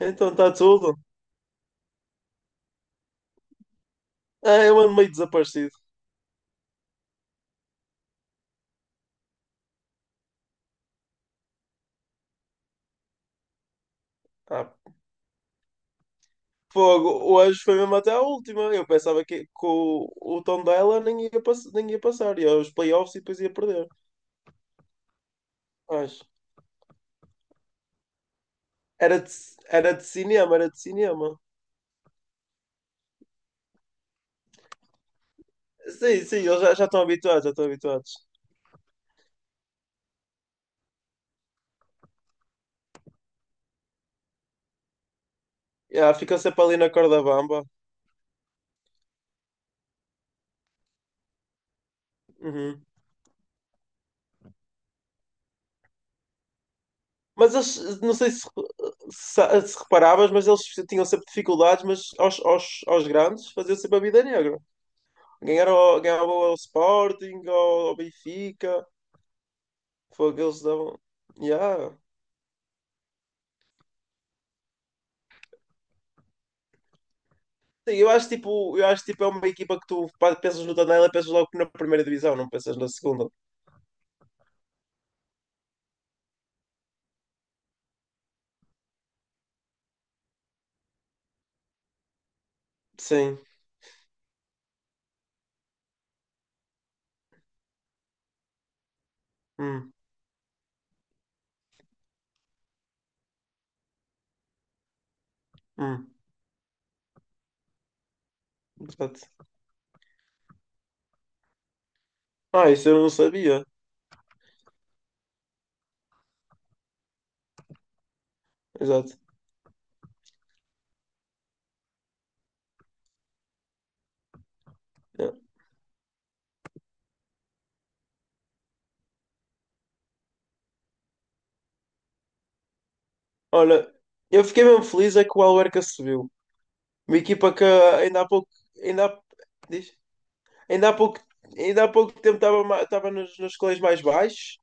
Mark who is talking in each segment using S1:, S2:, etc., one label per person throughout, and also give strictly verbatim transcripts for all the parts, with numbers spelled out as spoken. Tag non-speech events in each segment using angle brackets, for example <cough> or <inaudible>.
S1: Então está tudo. Ah, eu ando meio desaparecido. Ah, fogo, hoje foi mesmo até a última. Eu pensava que, que o, o Tondela nem ia, pass- nem ia passar, ia aos playoffs e depois ia perder. Mas era de, era de cinema, era de cinema. Sim, sim, eles já já estão habituados, já estão habituados. Yeah, ficam sempre ali na corda bamba. Uhum. Mas eles, não sei se, se, se reparavas, mas eles tinham sempre dificuldades, mas aos, aos, aos grandes faziam sempre a vida negra. Ganhar ao, ganhava ao Sporting, ao, ao Benfica. Foi que eles davam. Yeah. Sim, eu acho tipo, eu acho tipo é uma equipa que tu pá, pensas no Tondela, pensas logo na primeira divisão, não pensas na segunda. Sim. Hum, hum. Exato. Ah, isso eu não sabia. Exato. Yeah. Olha, eu fiquei mesmo feliz é que o Alverca subiu. Uma equipa que ainda há pouco, ainda há, Diz? Ainda há pouco, Ainda há pouco tempo estava ma- estava nos, nos escalões mais baixos.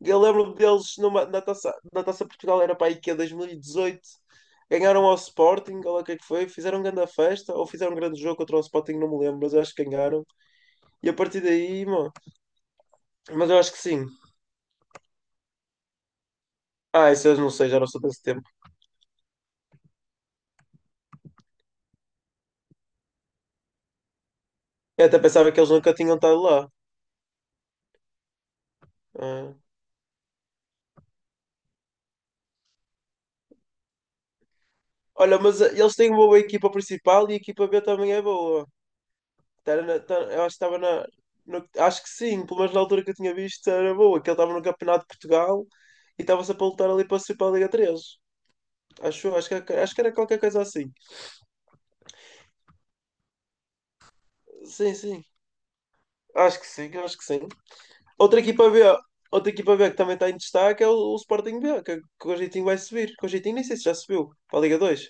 S1: Eu lembro-me deles numa, na taça, na taça Portugal, era para a IKEA dois mil e dezoito. Ganharam ao Sporting, ou lá o que é que foi, fizeram grande festa, ou fizeram um grande jogo contra o Sporting, não me lembro, mas eu acho que ganharam. E a partir daí, mano, mas eu acho que sim. Ah, isso eu não sei, já não sou desse tempo. Eu até pensava que eles nunca tinham estado lá. Ah. Olha, mas eh, eles têm uma boa equipa principal e a equipa B também é boa. Tá, Era na- tá- eu acho que estava na. No- acho que sim, pelo menos na altura que eu tinha visto era boa, que ele estava no Campeonato de Portugal e estava-se a lutar ali para subir para a Liga três. Acho, acho que, era- acho que era qualquer coisa assim. Sim, sim. Acho que sim, acho que sim. Outra equipa B, Outra equipa B que também está em destaque é o, o Sporting B, que, que o Jeitinho vai subir. Que o Jeitinho nem sei se já subiu para a Liga dois.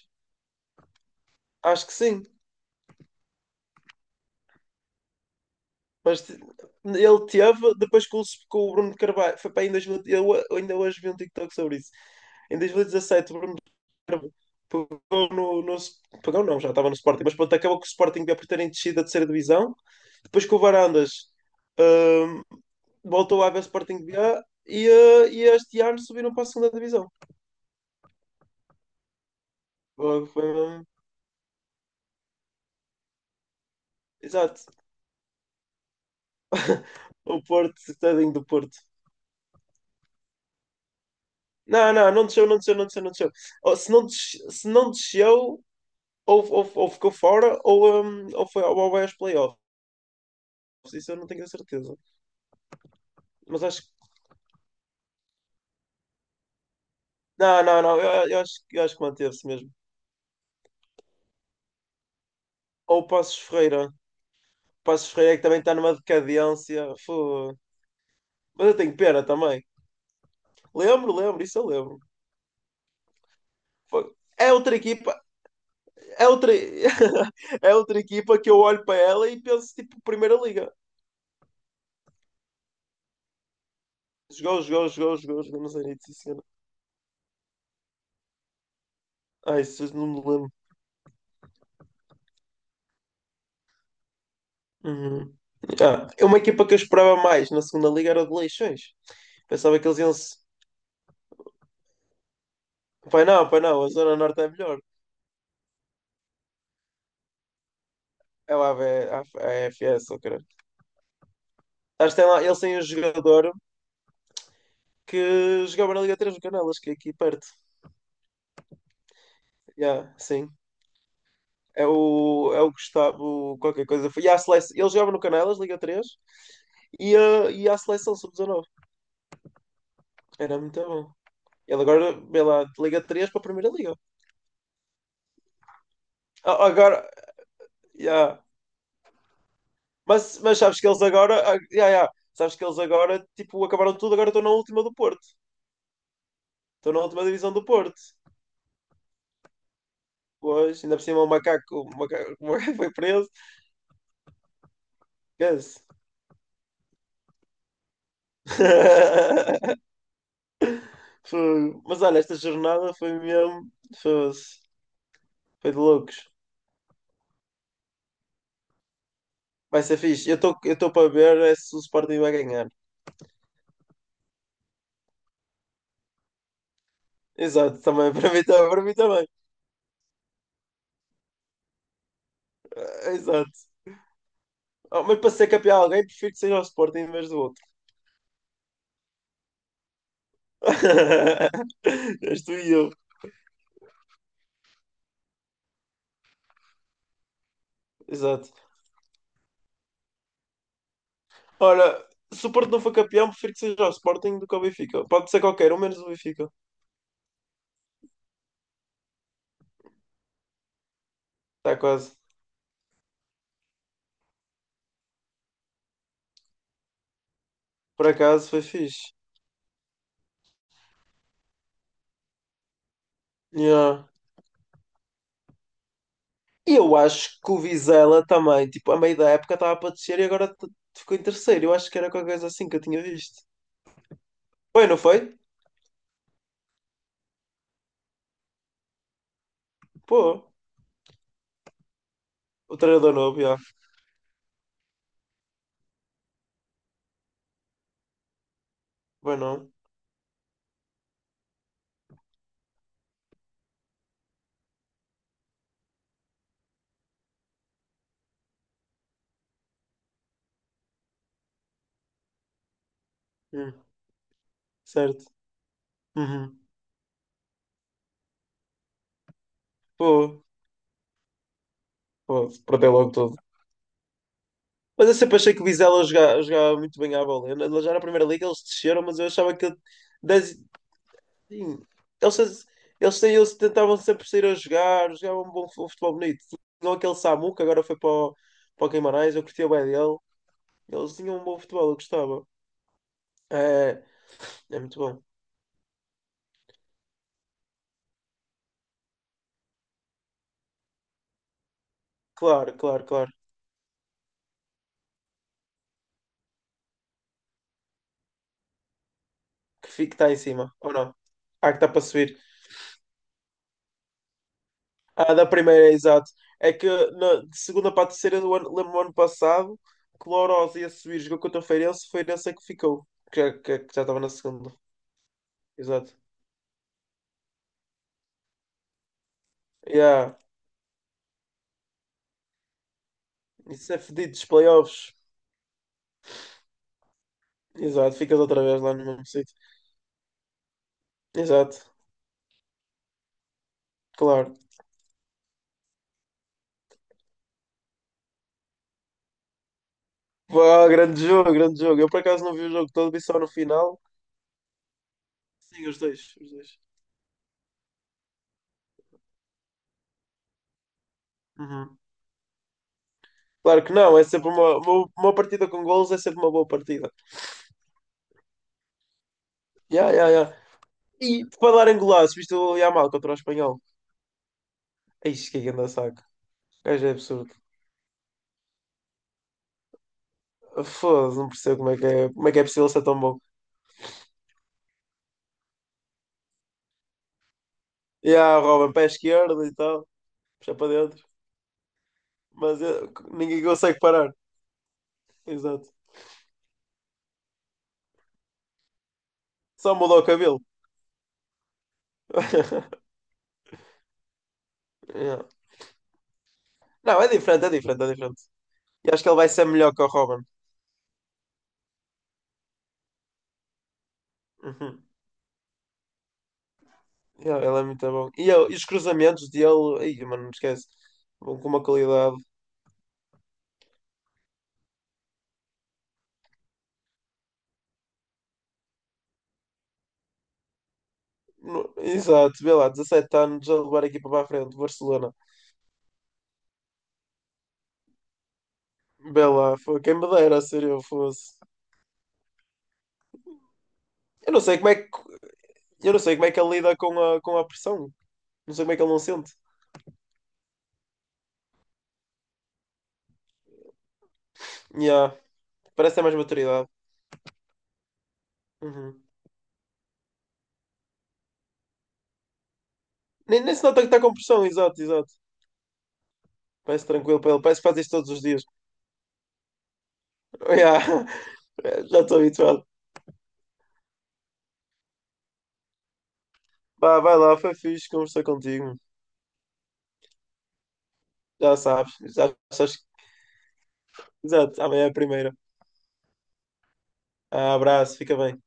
S1: Acho que sim. Mas te- Ele teve, depois que o, que o Bruno de Carvalho, foi para aí em dois mil eu a- ainda hoje vi um TikTok sobre isso. Em dois mil e dezassete, o Bruno de Carvalho pegou no, no- Pegou não, já estava no Sporting, mas pronto, acabou que o Sporting B por terem descido da terceira divisão. Depois que o Varandas hum, voltou à B Sporting B A e, eh, e este ano subiram para a segunda divisão. Foi- foi exato. <laughs> O Porto, tadinho do Porto. Não, não, não desceu, não desceu, não desceu, não desceu. Ou se não, des- se não desceu, ou, ou, ou ficou fora, ou, hum, ou foi ou vai aos playoffs. Isso eu não tenho a certeza. Mas acho que. Não, não, não, eu, eu acho, eu acho que manteve-se mesmo. Ou o Passos Ferreira. O Passos Ferreira é que também está numa decadência. Fu. Mas eu tenho pena também. Lembro, lembro, isso eu lembro. Foi- É outra equipa, é outra, <laughs> é outra equipa que eu olho para ela e penso, tipo, Primeira Liga. Jogou, jogou, jogou, jogou, jogou, não sei nem se isso. Ah, isso eu não me lembro. Uhum. Ah, é uma equipa que eu esperava mais na segunda liga era o de Leixões. Pensava que eles iam se. Pai não, pai não, a Zona Norte é melhor. É lá a AFS, ou caralho. Acho que tem lá, eles têm um jogador que jogava na Liga três do Canelas, que é aqui perto. Yeah, sim. É o, é o Gustavo, qualquer coisa. E a seleção, ele jogava no Canelas, Liga três, e a, e a seleção sub dezanove. Era muito bom. Ele agora, vê lá, de Liga três para a Primeira Liga. A- Agora, yeah. Mas, mas sabes que eles agora, ah, yeah, yeah. Sabes que eles agora, tipo, acabaram tudo, agora estão na última do Porto. Estão na última divisão do Porto. Pois, ainda por cima o macaco, o macaco, o macaco foi preso. Esquece. <laughs> Foi- Mas olha, esta jornada foi mesmo. Foi, foi de loucos. Vai ser fixe. Eu estou eu estou para ver é se o Sporting vai ganhar. Exato, também. <laughs> Para mim, também, para mim também. Ah, exato. Ah, mas para ser campeão alguém, prefiro que seja o Sporting em vez do outro. <laughs> És tu e eu. Exato. Ora, se o Porto não for campeão, prefiro que seja o Sporting do que o Benfica. Pode ser qualquer um, menos o Benfica. Está quase. Por acaso, foi fixe. Yeah. E eu acho que o Vizela também, tipo, a meio da época estava para descer e agora t- ficou em terceiro. Eu acho que era qualquer coisa assim que eu tinha visto. Foi, não foi? Pô. O treinador novo, já. Bem não. Hum, certo. Uhum. Pô, pô, perdeu logo tudo. Mas eu sempre achei que o Vizela jogava, jogava muito bem à bola. Eu- Ele já na primeira liga eles desceram, mas eu achava que dez- sim, eles, eles, saíam- eles tentavam sempre sair a jogar, jogavam um bom fu- futebol bonito. Não aquele Samu que agora foi para o, para o Guimarães, eu curtia bem dele. Eles tinham um bom futebol, eu gostava. É, é muito bom. Claro, claro, claro. Que fica está em cima, ou não? Ah, que está para subir. Ah, da primeira, exato. É que na, de segunda para a terceira, do ano, lembro-me do ano passado que o Lourosa ia subir, jogou contra o Feirense, foi nessa que ficou, que, já- que, é, que já estava na segunda. Exato. Yeah. Isso é fedido dos playoffs. Exato, ficas outra vez lá no mesmo sítio. Exato, claro. Pá, grande jogo, grande jogo. Eu por acaso não vi o jogo todo, vi só no final. Sim, os dois, os dois. Uhum. Claro que não, é sempre uma, uma, uma partida com golos, é sempre uma boa partida. Yeah, yeah, yeah. E para dar em golaço, viste o Yamal contra o Espanhol? Ixi, que grande saco. O gajo é absurdo. Foda-se, não percebo como é que é, como é que é possível ser tão bom. E há o Robin pé esquerdo e tal, puxa para dentro. Mas eu ninguém consegue parar. Exato. Só mudou o cabelo. <laughs> Yeah. Não, é diferente, é diferente, é diferente. E acho que ele vai ser melhor que o Robin. Uhum. Yeah, ele é muito bom. E, eu- e os cruzamentos dele, aí, mano, não esquece. Bom, com uma qualidade. No- Exato, vê lá, dezassete anos a levar a equipa para a frente, Barcelona. Vê lá, foi quem me dera ser eu fosse. Eu não sei como é que Eu não sei como é que ele lida com a, com a pressão. Não sei como é que ele não sente. Yeah. Parece ter mais maturidade. Uhum. Nem, nem se nota que está com pressão, exato, exato. Parece tranquilo para ele. Parece que faz isto todos os dias. Yeah. <laughs> Já estou habituado. Vá, vai lá, foi fixe conversar contigo. Já sabes. Já sabes. Exato, amanhã é a primeira. Ah, abraço, fica bem.